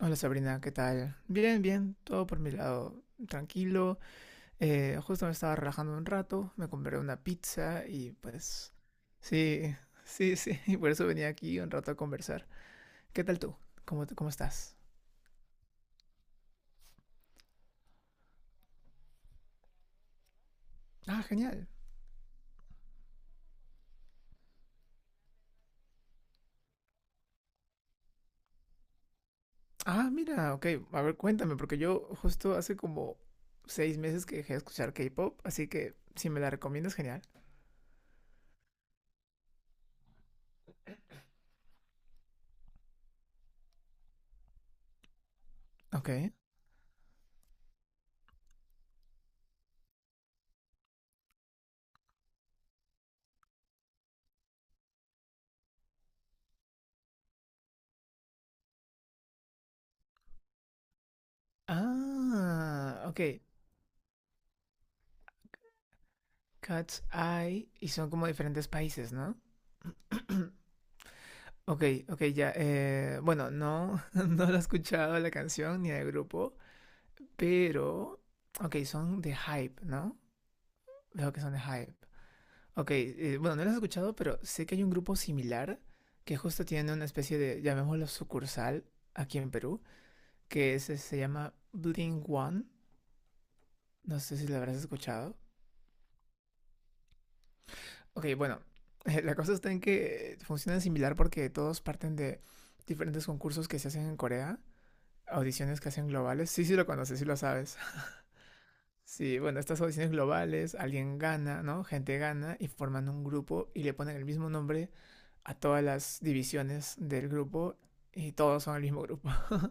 Hola Sabrina, ¿qué tal? Bien, bien, todo por mi lado tranquilo. Justo me estaba relajando un rato, me compré una pizza y pues sí, sí, sí, y por eso venía aquí un rato a conversar. ¿Qué tal tú? ¿Cómo estás? Ah, genial. Ah, mira, ok, a ver, cuéntame, porque yo justo hace como 6 meses que dejé de escuchar K-pop, así que si me la recomiendas, genial. Ok. Ah, ok. Cat's Eye y son como diferentes países, ¿no? Ok, ok, ya. Bueno, no, no lo he escuchado la canción ni el grupo, pero. Ok, son de Hype, ¿no? Veo que son de Hype. Ok, bueno, no los he escuchado, pero sé que hay un grupo similar que justo tiene una especie de, llamémoslo sucursal, aquí en Perú, que se llama Blink One. No sé si lo habrás escuchado. Ok, bueno, la cosa está en que funcionan similar porque todos parten de diferentes concursos que se hacen en Corea. Audiciones que hacen globales. Sí, sí lo conoces, sí lo sabes. Sí, bueno, estas audiciones globales, alguien gana, ¿no? Gente gana y forman un grupo y le ponen el mismo nombre a todas las divisiones del grupo y todos son el mismo grupo.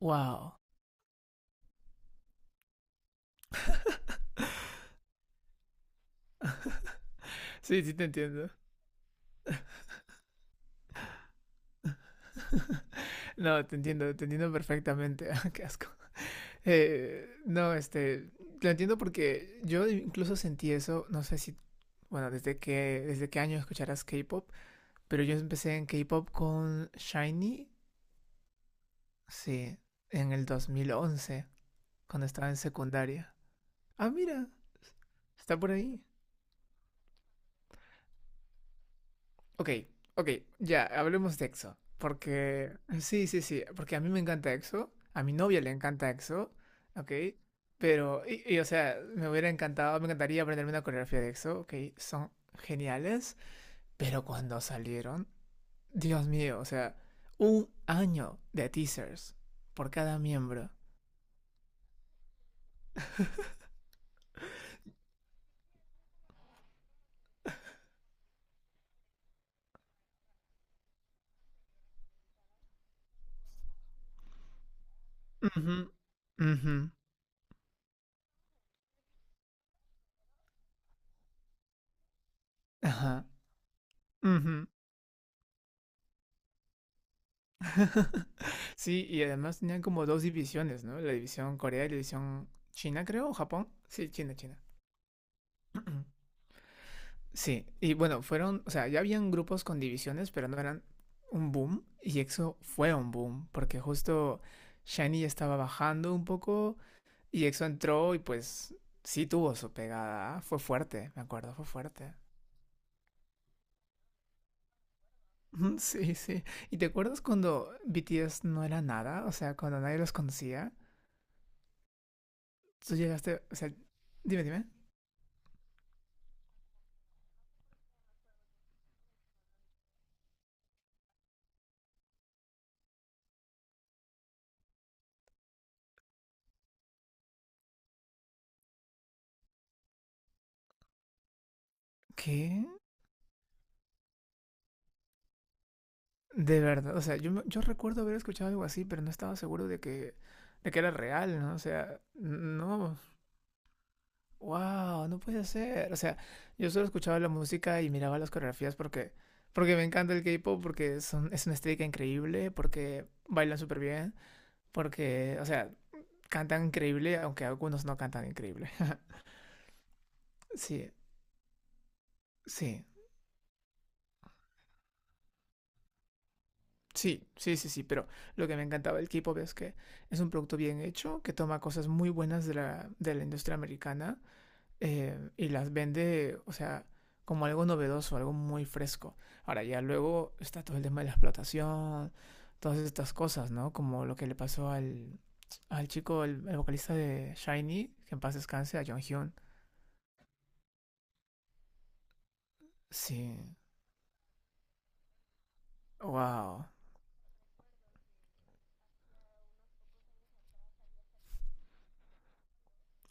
Wow. Sí, sí te entiendo. No, te entiendo perfectamente. Qué asco. No, este, lo entiendo porque yo incluso sentí eso, no sé si, bueno, desde qué, año escucharás K-pop, pero yo empecé en K-pop con Shinee. Sí, en el 2011 cuando estaba en secundaria. Ah, mira, está por ahí. Ok, ok, ya, hablemos de EXO. Porque, sí, sí, sí, porque a mí me encanta EXO, a mi novia le encanta EXO, ok. Pero, y, o sea, me hubiera encantado, me encantaría aprenderme una coreografía de EXO, ok, son geniales. Pero cuando salieron, Dios mío, o sea, un año de teasers por cada miembro. Ujú, ujú, ajá. Ujú. Sí, y además tenían como 2 divisiones, ¿no? La división Corea y la división China, creo, o Japón. Sí, China, China. Sí, y bueno, fueron, o sea, ya habían grupos con divisiones, pero no eran un boom, y EXO fue un boom, porque justo Shiny estaba bajando un poco, y EXO entró y pues sí tuvo su pegada, ¿ah? Fue fuerte, me acuerdo, fue fuerte. Ujú, sí, sí. ¿Y te acuerdas cuando BTS no era nada? O sea, cuando nadie los conocía. Tú llegaste, o sea, dime, dime. ¿Qué? De verdad, o sea, yo recuerdo haber escuchado algo así, pero no estaba seguro de que, era real, ¿no? O sea, no, wow, no puede ser. O sea, yo solo escuchaba la música y miraba las coreografías porque me encanta el K-pop, porque son, es una estética increíble, porque bailan súper bien, porque, o sea, cantan increíble, aunque algunos no cantan increíble. Sí, sí. Sí, sí, sí, sí, pero lo que me encantaba del K-pop es que es un producto bien hecho, que toma cosas muy buenas de la, industria americana. Y las vende, o sea, como algo novedoso, algo muy fresco. Ahora ya luego está todo el tema de la explotación, todas estas cosas, ¿no? Como lo que le pasó al chico, el vocalista de Shiny, que en paz descanse, a Jonghyun. Sí, wow.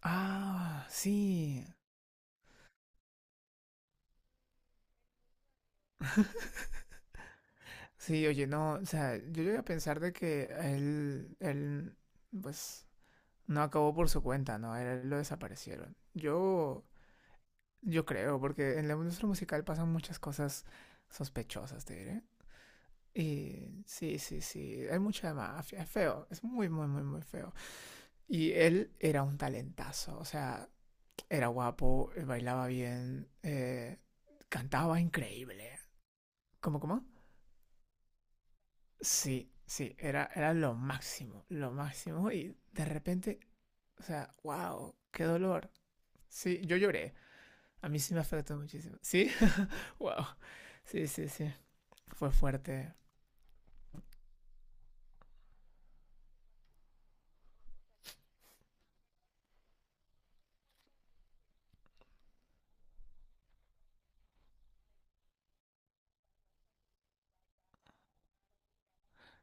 Ah, sí, sí, oye, no, o sea, yo llegué a pensar de que él, pues, no acabó por su cuenta, ¿no? A él lo desaparecieron. Yo creo, porque en la industria musical pasan muchas cosas sospechosas, te diré. Y sí, sí, sí, hay mucha mafia, es feo, es muy, muy, muy, muy feo. Y él era un talentazo, o sea, era guapo, bailaba bien, cantaba increíble. ¿Cómo, cómo? Sí, sí, era lo máximo, lo máximo. Y de repente, o sea, wow, qué dolor. Sí, yo lloré. A mí sí me afectó muchísimo. Sí, wow. Sí, sí, sí. Fue fuerte.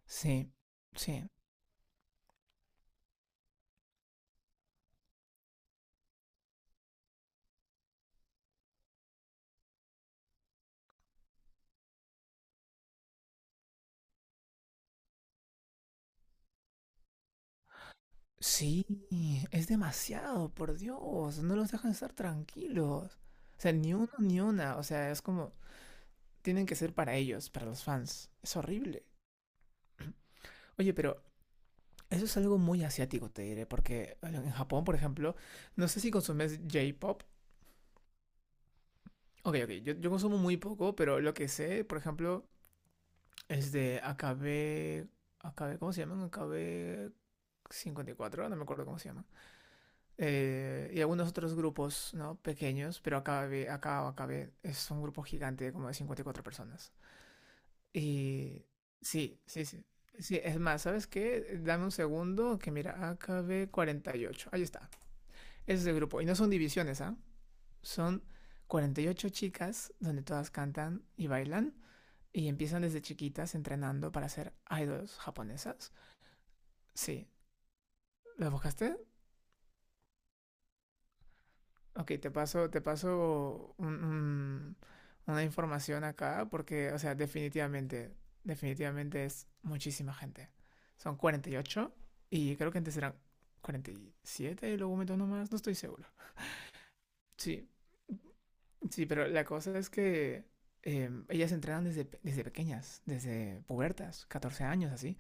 Sí, sí. Sí, es demasiado, por Dios. No los dejan estar tranquilos. O sea, ni uno ni una. O sea, es como, tienen que ser para ellos, para los fans. Es horrible. Oye, pero eso es algo muy asiático, te diré, porque en Japón, por ejemplo, no sé si consumes J-pop. Ok, ok, yo consumo muy poco, pero lo que sé, por ejemplo, es de AKB. AKB, ¿cómo se llaman? AKB54, no me acuerdo cómo se llaman. Y algunos otros grupos, ¿no? Pequeños, pero AKB, acá AKB es un grupo gigante, como de 54 personas. Y sí, sí, sí. Sí, es más, ¿sabes qué? Dame un segundo, que mira, AKB48. Ahí está. Ese es el grupo. Y no son divisiones, ¿ah? ¿Eh? Son 48 chicas donde todas cantan y bailan y empiezan desde chiquitas entrenando para ser idols japonesas. Sí. ¿Lo buscaste? Ok, te paso una información acá porque, o sea, definitivamente, definitivamente es muchísima gente. Son 48 y ocho y creo que antes eran 47 y siete y luego meto uno más, no estoy seguro. Sí, sí, pero la cosa es que ellas entrenan desde, desde pequeñas, desde pubertas, 14 años así,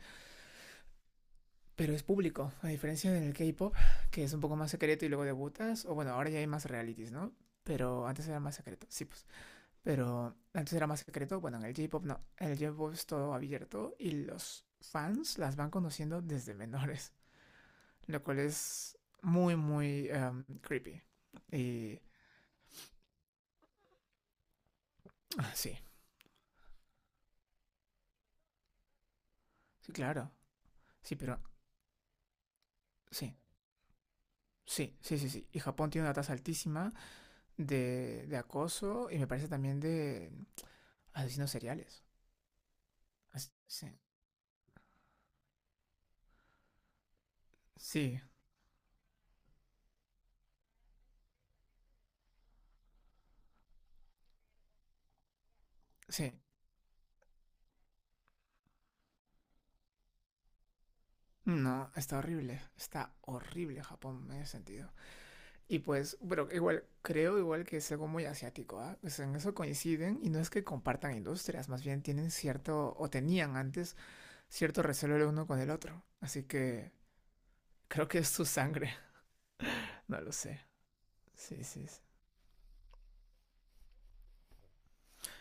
pero es público, a diferencia del K-pop, que es un poco más secreto y luego debutas, o bueno, ahora ya hay más realities, ¿no? Pero antes era más secreto, sí, pues. Pero antes era más secreto, bueno, en el J-pop no, en el J-pop es todo abierto y los fans las van conociendo desde menores, lo cual es muy, muy creepy. Y ah, sí, sí, claro, sí, pero sí. Sí, sí, sí, sí. Y Japón tiene una tasa altísima de, acoso y me parece también de asesinos seriales. Sí, sí, sí. No, está horrible. Está horrible Japón en ese sentido. Y pues, pero igual, creo igual que es algo muy asiático, ¿ah? Pues en eso coinciden y no es que compartan industrias, más bien tienen cierto, o tenían antes, cierto recelo el uno con el otro. Así que creo que es su sangre. No lo sé. Sí, sí, sí.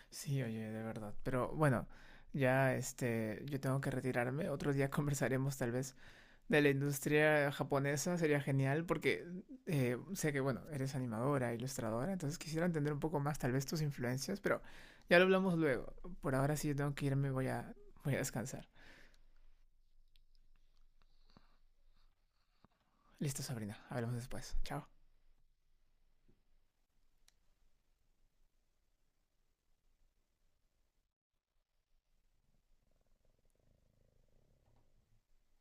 Sí, oye, de verdad. Pero bueno, ya este, yo tengo que retirarme. Otro día conversaremos tal vez de la industria japonesa. Sería genial porque sé que, bueno, eres animadora, ilustradora, entonces quisiera entender un poco más tal vez tus influencias, pero ya lo hablamos luego. Por ahora sí, yo tengo que irme, voy a descansar. Listo, Sabrina. Hablamos después. Chao.